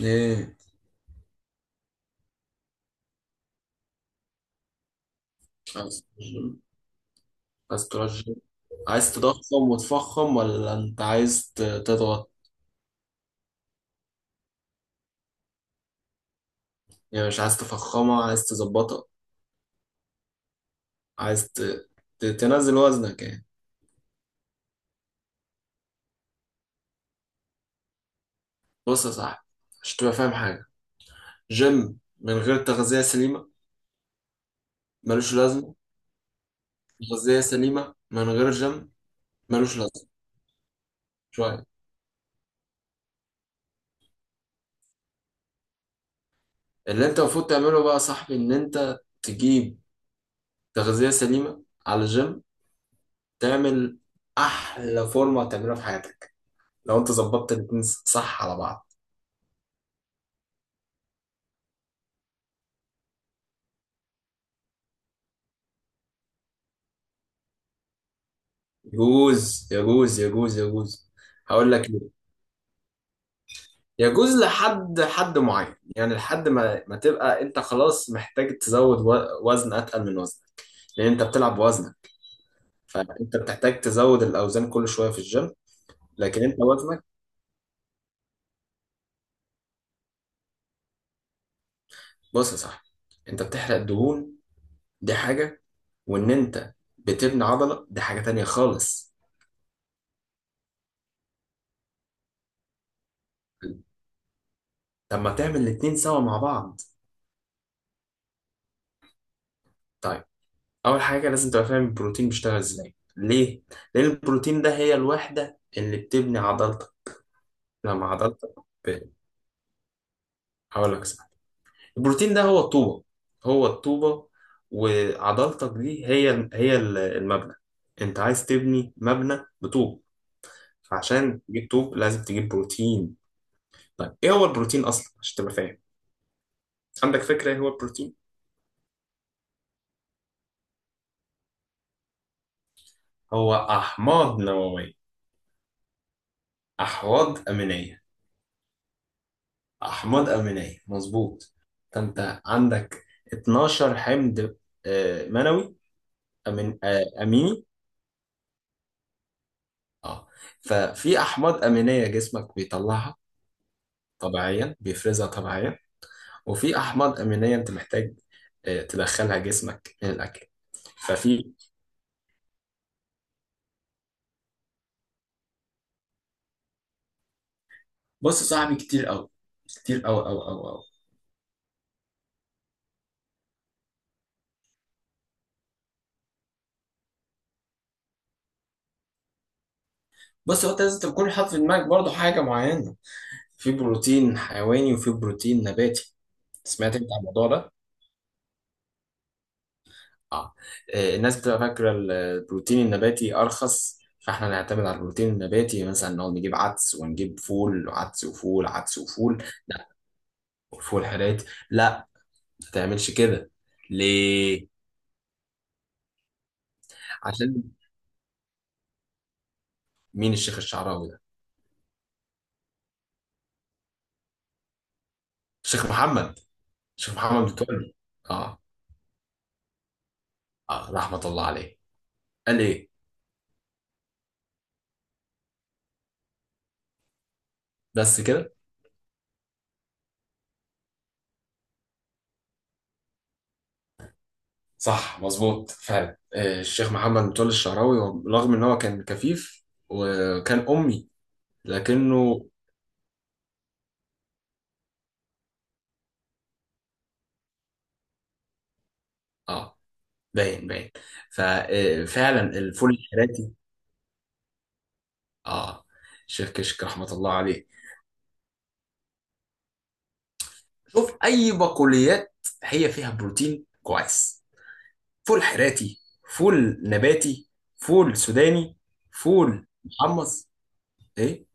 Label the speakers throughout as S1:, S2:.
S1: ايه؟ عايز ترجم؟ عايز ترجم؟ عايز تضخم وتفخم ولا انت عايز تضغط؟ يعني مش عايز تفخمها، عايز تظبطها، عايز تنزل وزنك يعني. بص يا صاحبي، عشان تبقى فاهم حاجة، جيم من غير تغذية سليمة ملوش لازمة، تغذية سليمة من غير جيم ملوش لازمة. شوية. اللي انت المفروض تعمله بقى يا صاحبي ان انت تجيب تغذية سليمة على الجيم، تعمل احلى فورمة تعملها في حياتك لو انت ظبطت الاتنين صح على بعض. يجوز يجوز يجوز يجوز. هقول لك ليه. يجوز لحد حد معين، يعني لحد ما تبقى انت خلاص محتاج تزود وزن اتقل من وزنك، لان انت بتلعب بوزنك، فانت بتحتاج تزود الاوزان كل شويه في الجيم. لكن انت وزنك. بص يا صاحبي، انت بتحرق دهون، دي حاجه، وان انت بتبني عضله دي حاجه تانية خالص. طب ما تعمل الاتنين سوا مع بعض. طيب، اول حاجه لازم تبقى فاهم البروتين بيشتغل ازاي ليه. لان البروتين ده هي الوحده اللي بتبني عضلتك. لما عضلتك ب- هقول لك صح. البروتين ده هو الطوبه، هو الطوبه، وعضلتك دي هي المبنى. انت عايز تبني مبنى بطوب، فعشان تجيب طوب لازم تجيب بروتين. طيب، ايه هو البروتين اصلا عشان تبقى فاهم. عندك فكره ايه هو البروتين؟ هو احماض نوويه. احواض امينيه. احماض امينيه مظبوط. فانت عندك 12 حمض منوي. أمين آه، اميني، اه. ففي احماض امينيه جسمك بيطلعها طبيعيا، بيفرزها طبيعيا. وفي احماض امينيه انت محتاج تدخلها جسمك من الاكل. ففي. بص يا صاحبي، كتير قوي، كتير قوي قوي قوي قوي. بص، هو انت لازم تكون حاطط في دماغك برضه حاجه معينه. في بروتين حيواني وفي بروتين نباتي. سمعت انت عن الموضوع ده؟ اه. الناس بتبقى فاكرة البروتين النباتي أرخص، فاحنا نعتمد على البروتين النباتي، مثلا نقعد نجيب عدس ونجيب فول، عدس وفول، عدس وفول. لا. وفول حرات لا، ما تعملش كده. ليه؟ عشان. مين الشيخ الشعراوي ده؟ الشيخ محمد، الشيخ محمد متولي. اه. اه، رحمة الله عليه. قال ايه؟ بس كده. صح، مظبوط فعلا. الشيخ محمد متولي الشعراوي، رغم ان هو كان كفيف وكان أمي لكنه. اه، باين باين. ففعلا الفول الحراتي. اه. شيخ كشك رحمة الله عليه. شوف، أي بقوليات هي فيها بروتين كويس: فول حراتي، فول نباتي، فول سوداني، فول محمص. ايه؟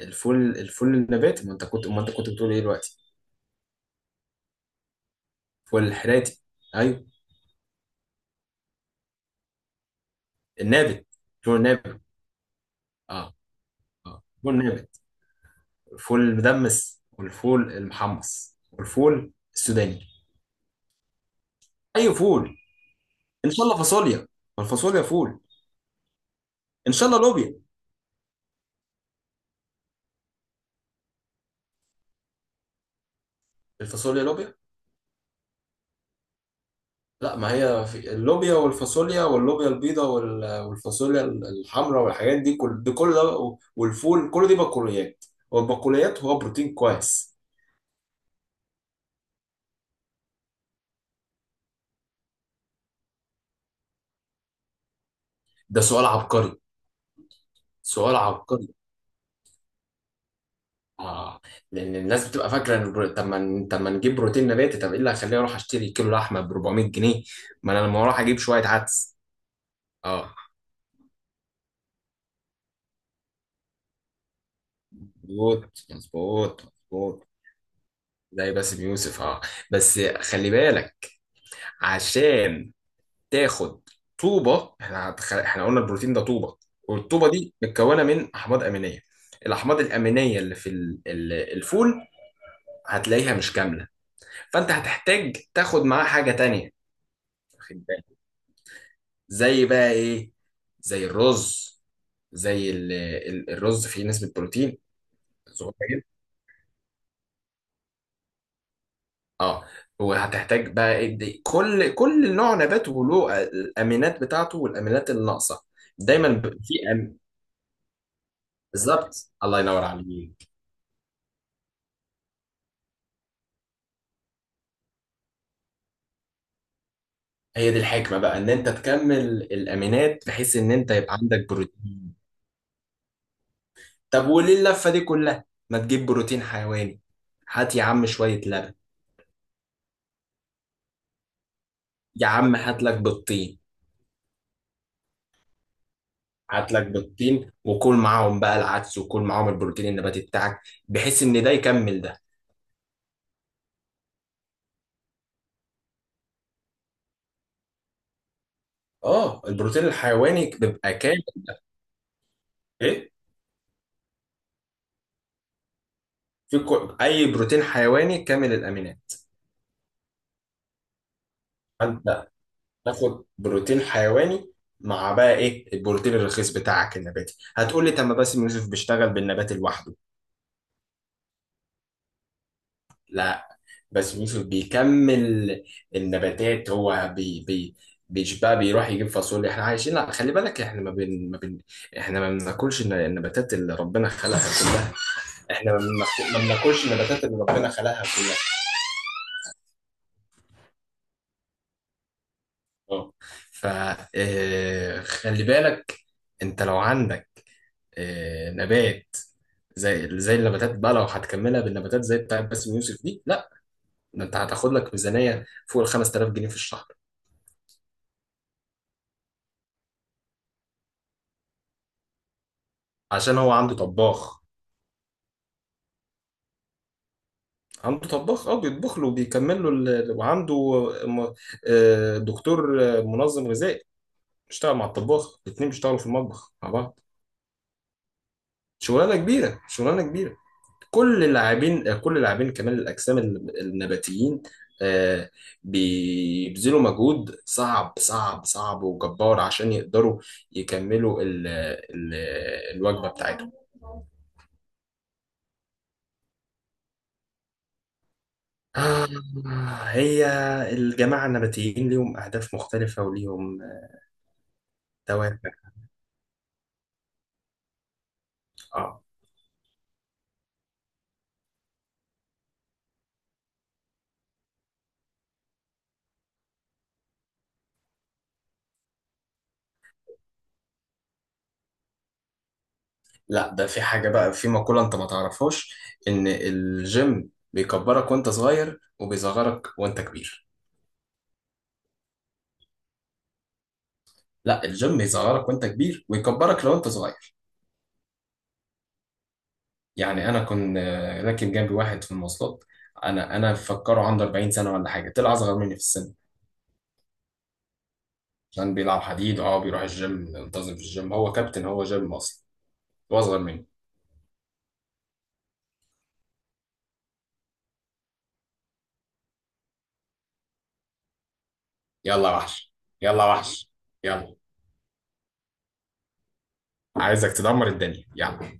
S1: الفول الفول النباتي، ما انت كنت بتقول ايه دلوقتي. فول الحراتي، ايوه. النابت، فول نابت. اه، اه، فول نابت، الفول المدمس والفول المحمص والفول السوداني. اي فول. ان شاء الله فاصوليا، ما الفاصوليا فول. ان شاء الله لوبيا. الفاصوليا لوبيا. لا، ما هي في اللوبيا والفاصوليا واللوبيا البيضاء والفاصوليا الحمراء والحاجات دي، كل ده كل ده والفول، كل دي بقوليات، والبقوليات هو بروتين كويس. ده سؤال عبقري، سؤال عبقري. اه. لان الناس بتبقى فاكره ان طب ما نجيب بروتين نباتي، طب ايه اللي هيخليني اروح اشتري كيلو لحمه ب 400 جنيه، ما انا لما اروح اجيب شويه عدس. اه، مظبوط مظبوط مظبوط. زي باسم يوسف، اه. بس خلي بالك، عشان تاخد طوبه. احنا قلنا البروتين ده طوبه، والطوبه دي متكونه من احماض امينيه. الاحماض الامينيه اللي في الفول هتلاقيها مش كامله، فانت هتحتاج تاخد معاه حاجه تانية، واخد بالك؟ زي بقى ايه؟ زي الرز. زي الرز فيه نسبه بروتين صغيره. اه. وهتحتاج بقى إيه كل نوع نبات وله الامينات بتاعته والامينات الناقصه. دايما بالظبط، الله ينور عليك. هي دي الحكمه بقى ان انت تكمل الامينات بحيث ان انت يبقى عندك بروتين. طب وليه اللفه دي كلها؟ ما تجيب بروتين حيواني، هات يا عم شويه لبن. يا عم هات لك بيضتين. هات لك بيضتين وكل معاهم بقى العدس، وكل معاهم البروتين النباتي بتاعك، بحيث ان ده يكمل ده. اه، البروتين الحيواني بيبقى كامل. ايه؟ في اي بروتين حيواني كامل الامينات. فانت تاخد بروتين حيواني مع بقى ايه البروتين الرخيص بتاعك النباتي. هتقول لي، طب ما باسم يوسف بيشتغل بالنبات لوحده. لا. باسم يوسف بيكمل النباتات، هو بي بي مش بقى بيروح يجيب فاصوليا، احنا عايشين. لا، خلي بالك، احنا ما بن... ما بن... احنا ما بناكلش النباتات اللي ربنا خلقها كلها، احنا ما بناكل- ما بناكلش النباتات اللي ربنا خلقها كلها. اه. فخلي بالك، انت لو عندك نبات، زي النباتات بقى لو هتكملها بالنباتات زي بتاعت باسم يوسف دي، لا، ده انت هتاخد لك ميزانية فوق ال 5000 جنيه في الشهر. عشان هو عنده طباخ. عنده طباخ، اه، بيطبخ له وبيكمل له وعنده م- دكتور، منظم غذائي، بيشتغل مع الطباخ، الاتنين بيشتغلوا في المطبخ مع بعض. شغلانة كبيرة، شغلانة كبيرة. كل اللاعبين كمال الاجسام النباتيين، آه، بيبذلوا مجهود صعب صعب صعب وجبار عشان يقدروا يكملوا ال ال الوجبة بتاعتهم. آه، هي الجماعة النباتيين ليهم أهداف مختلفة وليهم دوافع، آه. لا، ده في حاجة بقى، في مقولة أنت ما تعرفهاش، إن الجيم بيكبرك وأنت صغير وبيصغرك وأنت كبير. لا، الجيم بيصغرك وأنت كبير ويكبرك لو أنت صغير. يعني انا كنت راكب جنبي واحد في المواصلات، انا مفكره عنده 40 سنه ولا حاجه، طلع اصغر مني في السن، عشان بيلعب حديد. اه، بيروح الجيم، منتظم في الجيم، هو كابتن، هو جيم اصلا، هو اصغر مني. يلا يا وحش، يلا يا وحش. يلا، عايزك تدمر الدنيا، يلا.